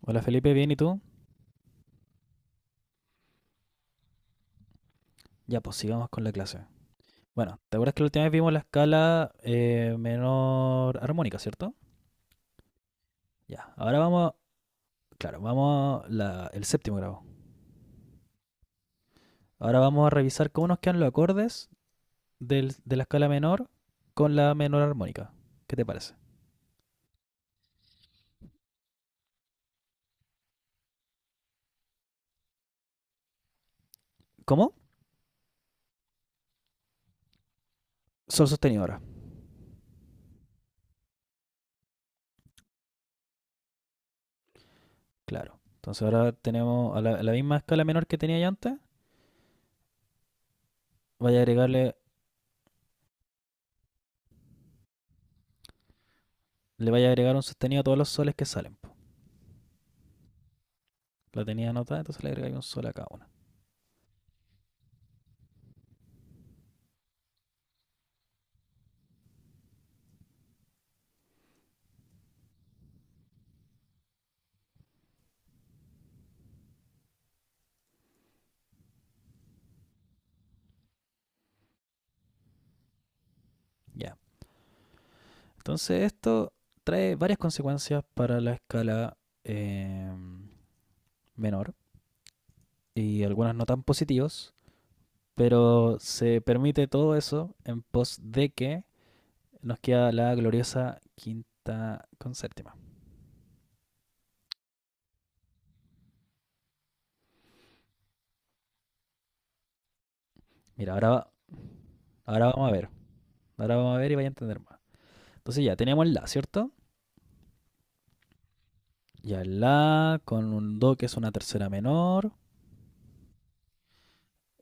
Hola Felipe, ¿bien y tú? Ya, pues sigamos con la clase. Bueno, ¿te acuerdas que la última vez vimos la escala menor armónica? ¿Cierto? Ya, ahora vamos, claro, vamos a el séptimo grado. Ahora vamos a revisar cómo nos quedan los acordes de la escala menor con la menor armónica. ¿Qué te parece? ¿Cómo? Sol sostenido ahora. Claro. Entonces ahora tenemos a a la misma escala menor que tenía ya antes. Vaya a agregarle, le vaya a agregar un sostenido a todos los soles que salen, po. La tenía anotada, entonces le agregáis un sol a cada una. Ya. Entonces esto trae varias consecuencias para la escala eh, menor, y algunas no tan positivas, pero se permite todo eso en pos de que nos queda la gloriosa quinta con séptima. Mira, ahora vamos a ver, ahora vamos a ver y vaya a entender más. Entonces ya teníamos el La, ¿cierto? Ya el La con un Do que es una tercera menor,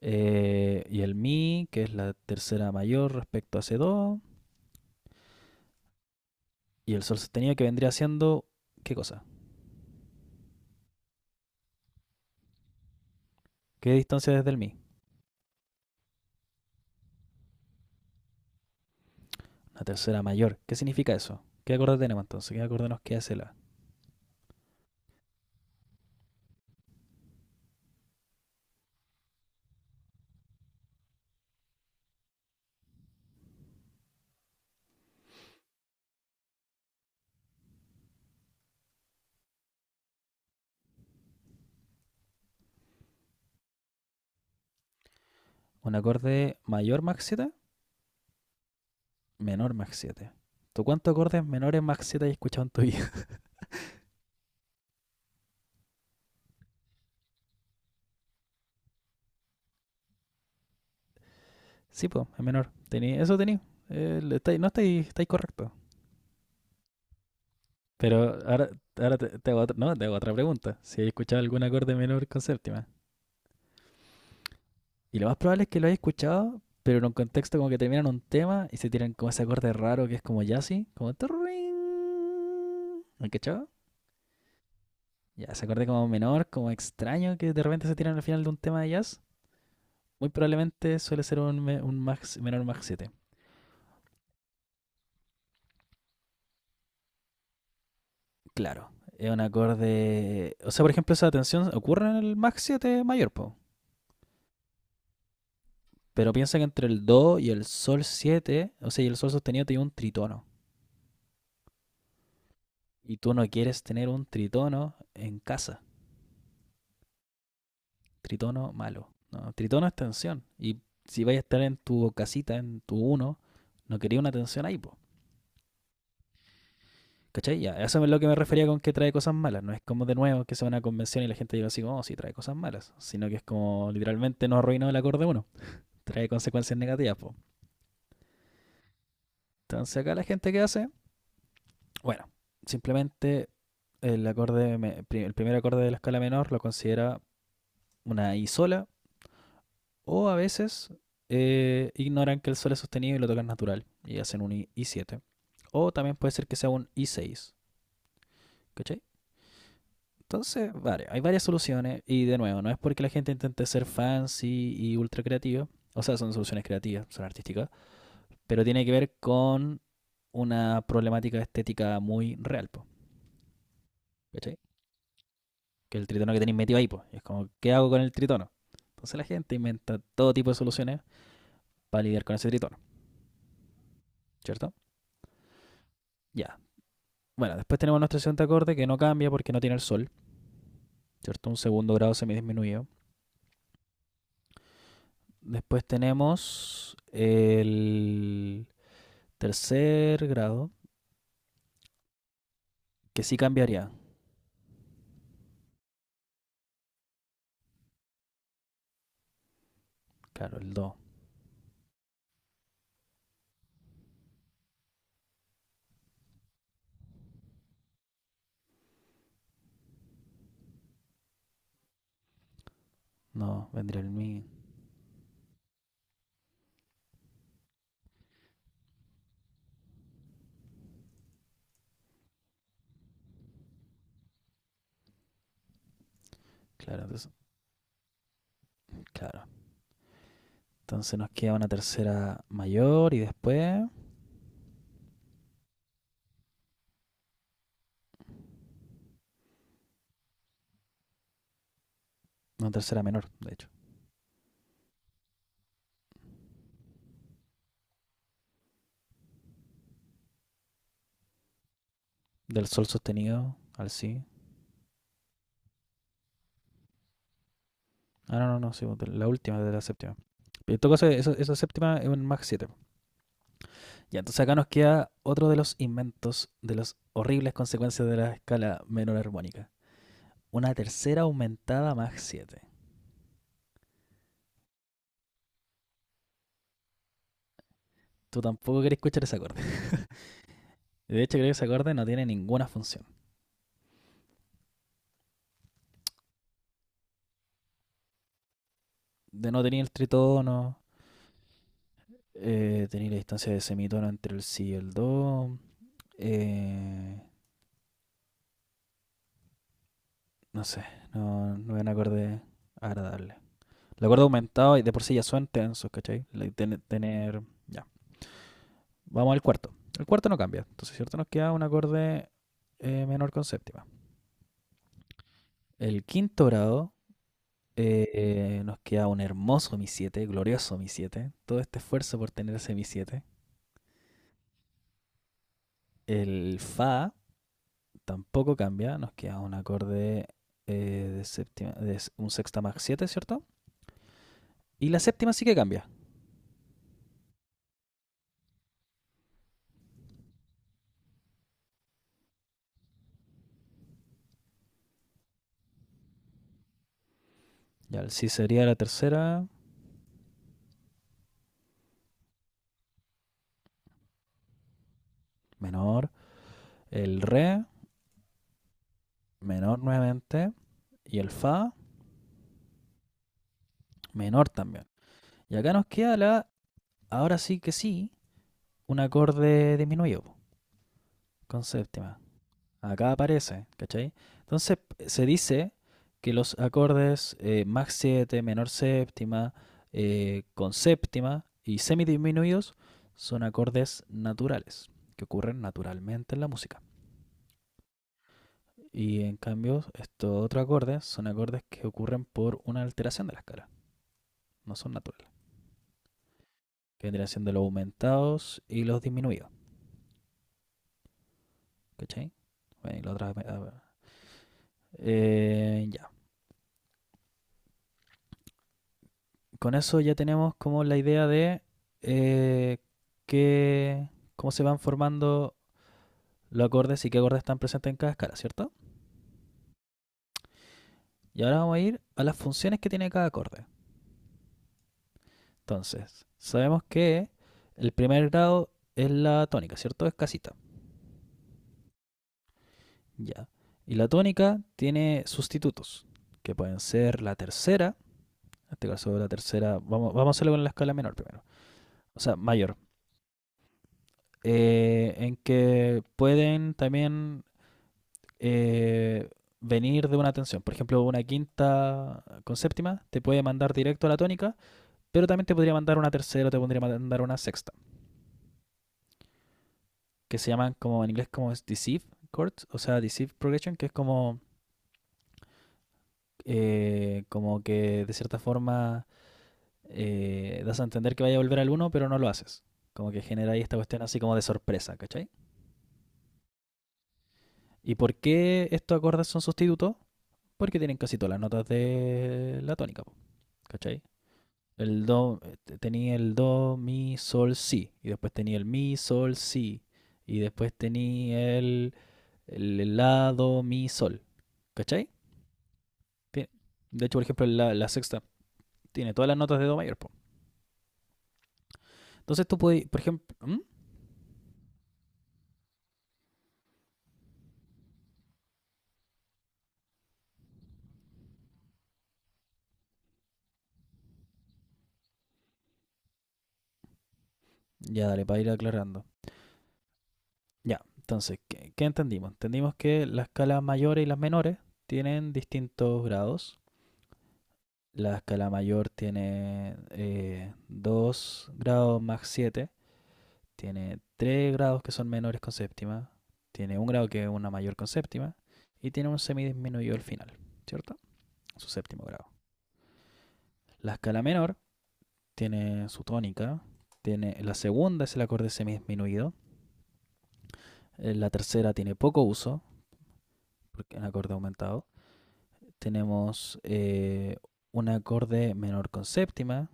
y el Mi que es la tercera mayor respecto a ese Do. Y el sol sostenido que vendría siendo... ¿Qué cosa? ¿Qué distancia desde el mi? Una tercera mayor. ¿Qué significa eso? ¿Qué acorde tenemos entonces? ¿Qué acorde nos queda la? ¿Un acorde mayor Mach siete? Menor Mach siete. ¿Tú cuántos acordes menores Mach 7 has escuchado en tu vida? Sí, pues, es menor. Tení, eso tenéis. Eh, no estáis está correcto. Pero ahora te hago otra, no, te hago otra pregunta. Si has escuchado algún acorde menor con séptima. Y lo más probable es que lo hayas escuchado, pero en un contexto como que terminan un tema y se tiran como ese acorde raro que es como jazzy, como turring. ¿Me han cachado? Ya, ese acorde como menor, como extraño que de repente se tiran al final de un tema de jazz. Muy probablemente suele ser un, un menor Mach siete. Claro, es un acorde. O sea, por ejemplo, esa tensión ocurre en el Mach 7 mayor, po. Pero piensa que entre el Do y el Sol siete, o sea, y el Sol sostenido, te lleva un tritono. Y tú no quieres tener un tritono en casa. Tritono, malo. No, tritono es tensión. Y si vais a estar en tu casita, en tu uno, no quería una tensión ahí, po. ¿Cachai? Ya, eso es lo que me refería con que trae cosas malas. No es como de nuevo que sea una convención y la gente diga así, como, oh, sí, trae cosas malas. Sino que es como literalmente nos arruinó el acorde uno. Trae consecuencias negativas, po. Entonces acá la gente qué hace, bueno, simplemente el acorde, el primer acorde de la escala menor lo considera una I sola. O a veces ignoran que el Sol es sostenido y lo tocan natural y hacen un I7. O también puede ser que sea un I6. ¿Cachai? Entonces, vale, hay varias soluciones y de nuevo, no es porque la gente intente ser fancy y ultra creativa, o sea, son soluciones creativas, son artísticas, pero tiene que ver con una problemática estética muy real, po, ¿cachai? Que el tritono que tenéis metido ahí, po, es como, ¿qué hago con el tritono? Entonces la gente inventa todo tipo de soluciones para lidiar con ese tritono, ¿cierto? Ya. Bueno, después tenemos nuestro siguiente acorde que no cambia porque no tiene el sol, ¿cierto? Un segundo grado semidisminuido. Después tenemos el tercer grado, que sí cambiaría. Claro, el do. No, vendría el mi. Claro, entonces, claro. Entonces nos queda una tercera mayor y después una tercera menor, de hecho. Del sol sostenido al si. Ah, no, no, no, sí, la última de la séptima. En todo caso, esa séptima es un Mach 7. Ya, entonces acá nos queda otro de los inventos de las horribles consecuencias de la escala menor armónica. Una tercera aumentada más 7. Tú tampoco querés escuchar ese acorde. De hecho, creo que ese acorde no tiene ninguna función. De no tener el tritono, tener la distancia de semitono entre el si y el do. eh, no sé, no es un acorde agradable. El acorde aumentado y de por sí ya suena tensos, ¿cachai? Like, tener. Ya, vamos al cuarto. El cuarto no cambia. Entonces, ¿cierto? Nos queda un acorde menor con séptima. El quinto grado nos queda un hermoso Mi siete, glorioso Mi siete. Todo este esfuerzo por tener ese Mi siete. El Fa tampoco cambia. Nos queda un acorde de séptima, de un sexta más siete, ¿cierto? Y la séptima sí que cambia. Ya el Si sería la tercera, menor. El Re, menor nuevamente. Y el Fa, menor también. Y acá nos queda la, ahora sí que sí, un acorde disminuido con séptima. Acá aparece, ¿cachai? Entonces se dice que los acordes Mach 7, menor séptima, con séptima y semidisminuidos son acordes naturales, que ocurren naturalmente en la música. Y en cambio, estos otros acordes son acordes que ocurren por una alteración de la escala, no son naturales. Que vendrían siendo los aumentados y los disminuidos, ¿cachai? Bueno, y los otros. Ya. Con eso ya tenemos como la idea de eh, qué- cómo se van formando los acordes y qué acordes están presentes en cada escala, ¿cierto? Y ahora vamos a ir a las funciones que tiene cada acorde. Entonces, sabemos que el primer grado es la tónica, ¿cierto? Es casita. Ya. Y la tónica tiene sustitutos, que pueden ser la tercera. En este caso, la tercera, vamos a hacerlo con la escala menor primero. O sea, mayor. En que pueden también eh, venir de una tensión. Por ejemplo, una quinta con séptima te puede mandar directo a la tónica, pero también te podría mandar una tercera o te podría mandar una sexta, que se llaman como en inglés como deceive chords, o sea, deceive progression, que es como, como que de cierta forma das a entender que vaya a volver al uno, pero no lo haces. Como que genera ahí esta cuestión así como de sorpresa, ¿cachai? ¿Y por qué estos acordes son sustitutos? Porque tienen casi todas las notas de la tónica, ¿cachai? El do, tenía el do, mi, sol, si. Y después tenía el mi, sol, si. Y después tenía el la, do, mi, sol. ¿Cachai? Tiene- De hecho, por ejemplo, la sexta tiene todas las notas de do mayor, po. Entonces tú puedes, por ejemplo... ¿Mm? Ya, dale, para ir aclarando. Ya, entonces, ¿qué entendimos? Entendimos que las escalas mayores y las menores tienen distintos grados. La escala mayor tiene 2 grados más siete, tiene tres grados que son menores con séptima, tiene un grado que es una mayor con séptima y tiene un semidisminuido al final, ¿cierto? Su séptimo grado. La escala menor tiene su tónica, tiene la segunda es el acorde semidisminuido, la tercera tiene poco uso, porque es un acorde aumentado. Tenemos un acorde menor con séptima,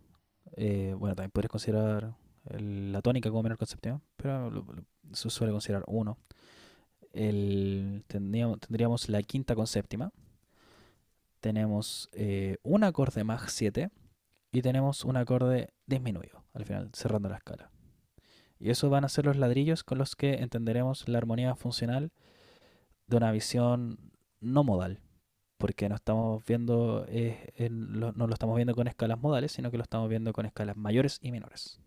bueno, también podrías considerar la tónica como menor con séptima, pero se suele considerar uno el, tendríamos la quinta con séptima, tenemos un acorde más 7 y tenemos un acorde disminuido al final, cerrando la escala. Y eso van a ser los ladrillos con los que entenderemos la armonía funcional de una visión no modal, porque no estamos viendo, no lo estamos viendo con escalas modales, sino que lo estamos viendo con escalas mayores y menores.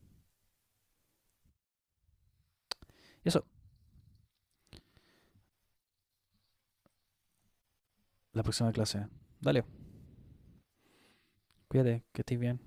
Y eso, la próxima clase. Dale, cuídate, que estés bien.